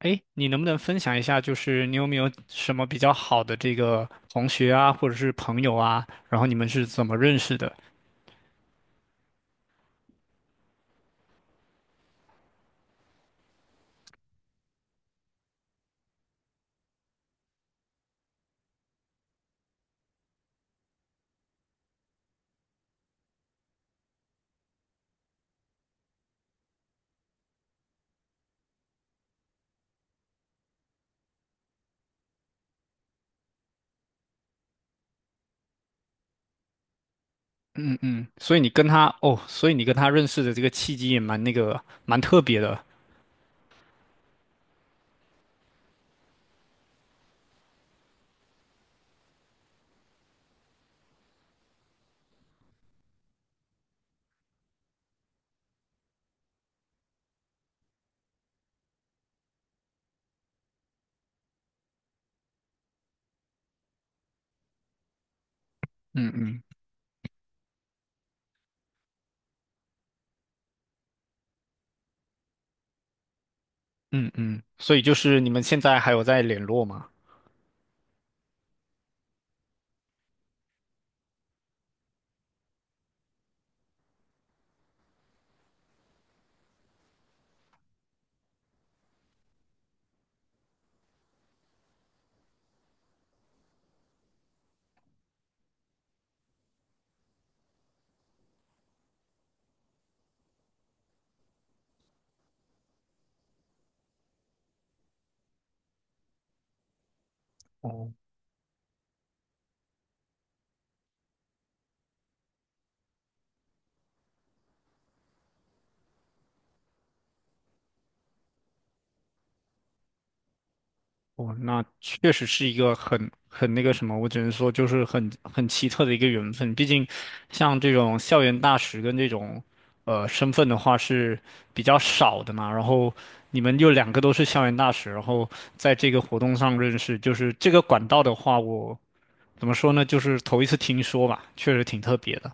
哎，你能不能分享一下，就是你有没有什么比较好的这个同学啊，或者是朋友啊，然后你们是怎么认识的？嗯嗯，所以你跟他，哦，所以你跟他认识的这个契机也蛮那个，蛮特别的。嗯嗯嗯嗯，所以就是你们现在还有在联络吗？哦哦，那确实是一个很那个什么，我只能说就是很奇特的一个缘分。毕竟，像这种校园大使跟这种身份的话是比较少的嘛。然后你们又两个都是校园大使，然后在这个活动上认识，就是这个管道的话，我怎么说呢？就是头一次听说吧，确实挺特别的。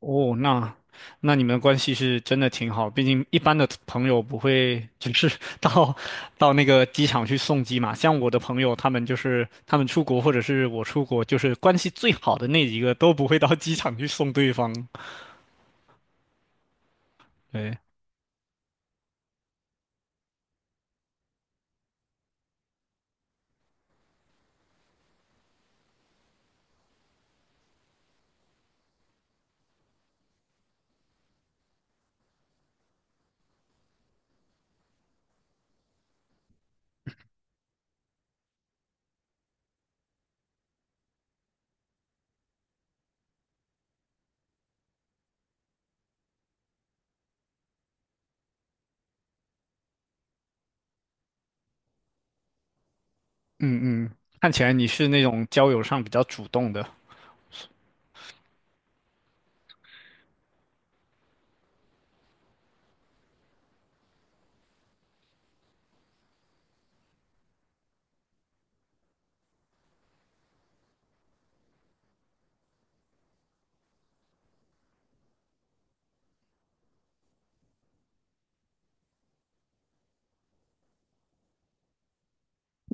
哦，那你们的关系是真的挺好，毕竟一般的朋友不会只是 到到那个机场去送机嘛。像我的朋友，他们就是他们出国或者是我出国，就是关系最好的那几个都不会到机场去送对方。对，嗯嗯，看起来你是那种交友上比较主动的。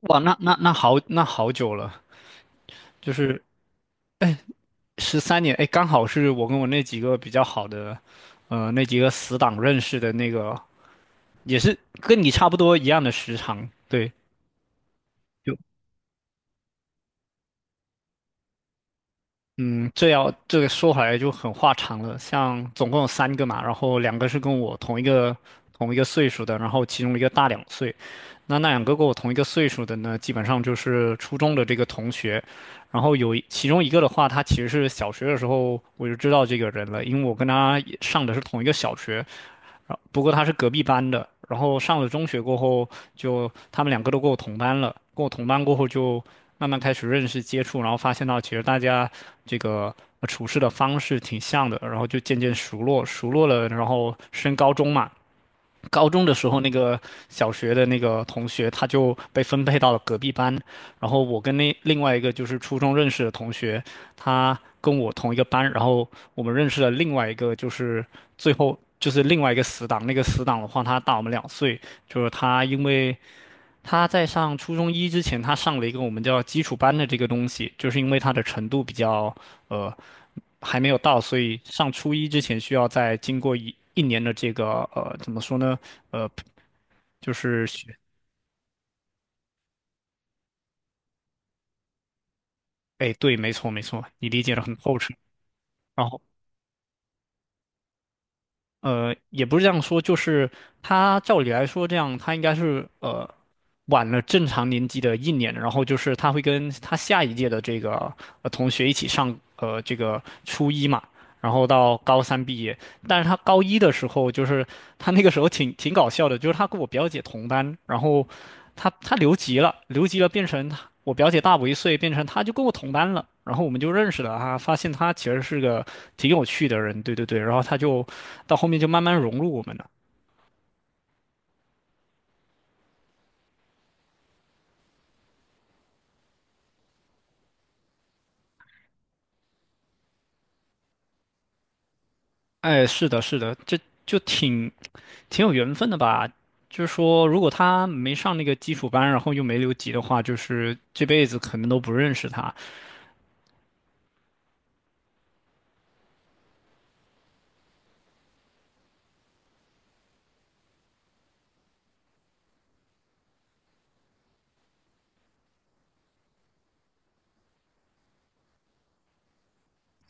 哇，那好，那好久了，就是13年，哎，刚好是我跟我那几个比较好的，呃，那几个死党认识的那个。也是跟你差不多一样的时长，对，就嗯，这要这个说回来就很话长了。像总共有三个嘛，然后两个是跟我同一个岁数的，然后其中一个大2岁。那两个跟我同一个岁数的呢，基本上就是初中的这个同学。然后其中一个的话，他其实是小学的时候我就知道这个人了，因为我跟他也上的是同一个小学。然后不过他是隔壁班的，然后上了中学过后就，他们两个都跟我同班了，跟我同班过后就慢慢开始认识接触，然后发现到其实大家这个处事的方式挺像的，然后就渐渐熟络，熟络了，然后升高中嘛，高中的时候，那个小学的那个同学，他就被分配到了隔壁班。然后我跟那另外一个就是初中认识的同学，他跟我同一个班。然后我们认识了另外一个，就是最后就是另外一个死党。那个死党的话，他大我们2岁，就是他因为他在上初中一之前，他上了一个我们叫基础班的这个东西，就是因为他的程度比较呃还没有到，所以上初一之前需要再经过一年的这个怎么说呢？呃，就是学，哎，对，没错没错，你理解的很透彻。然后也不是这样说，就是他照理来说，这样他应该是晚了正常年级的一年，然后就是他会跟他下一届的这个同学一起上这个初一嘛，然后到高三毕业。但是他高一的时候，就是他那个时候挺搞笑的，就是他跟我表姐同班，然后他留级了，留级了变成他我表姐大我1岁，变成他就跟我同班了，然后我们就认识了他，发现他其实是个挺有趣的人，对对对，然后他就到后面就慢慢融入我们了。哎，是的，是的，这就挺有缘分的吧？就是说，如果他没上那个基础班，然后又没留级的话，就是这辈子可能都不认识他。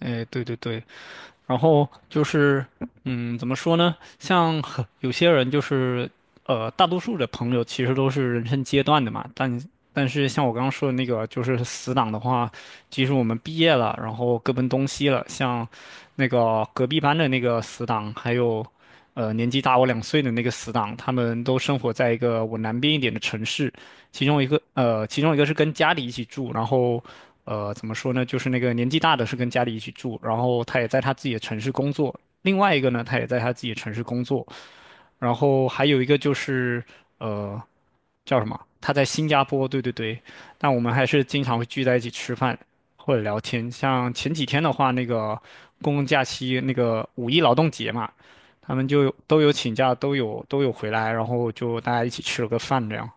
哎，对对对。然后就是，嗯，怎么说呢？像很有些人就是，大多数的朋友其实都是人生阶段的嘛。但是像我刚刚说的那个，就是死党的话，即使我们毕业了，然后各奔东西了，像那个隔壁班的那个死党，还有，年纪大我2岁的那个死党，他们都生活在一个我南边一点的城市。其中一个其中一个是跟家里一起住，然后怎么说呢，就是那个年纪大的是跟家里一起住，然后他也在他自己的城市工作，另外一个呢，他也在他自己的城市工作，然后还有一个就是呃，叫什么？他在新加坡，对对对，但我们还是经常会聚在一起吃饭或者聊天。像前几天的话，那个公共假期，那个五一劳动节嘛，他们就都有请假，都有回来，然后就大家一起吃了个饭这样。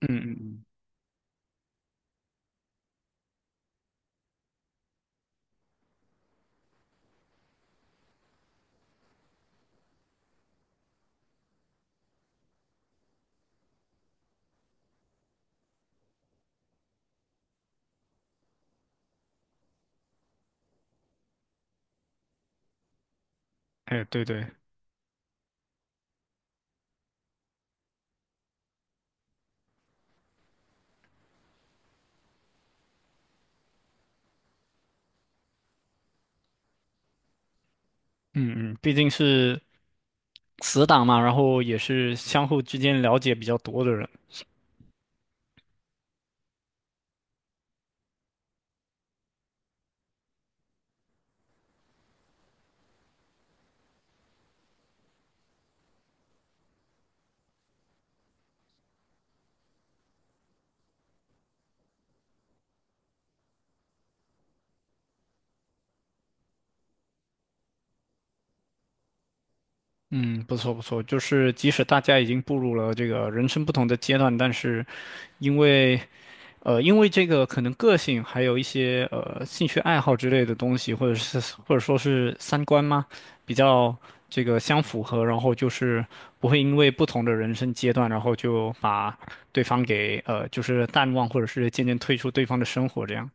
嗯嗯嗯。哎，对对，嗯嗯，毕竟是死党嘛，然后也是相互之间了解比较多的人。嗯，不错不错，就是即使大家已经步入了这个人生不同的阶段，但是因为因为这个可能个性，还有一些兴趣爱好之类的东西，或者是或者说是三观嘛，比较这个相符合，然后就是不会因为不同的人生阶段，然后就把对方给就是淡忘，或者是渐渐退出对方的生活这样。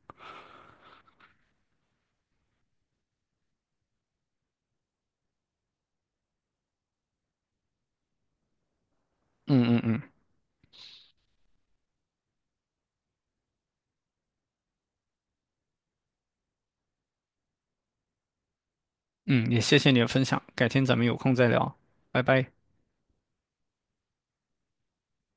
嗯嗯嗯。嗯，也谢谢你的分享，改天咱们有空再聊，拜拜。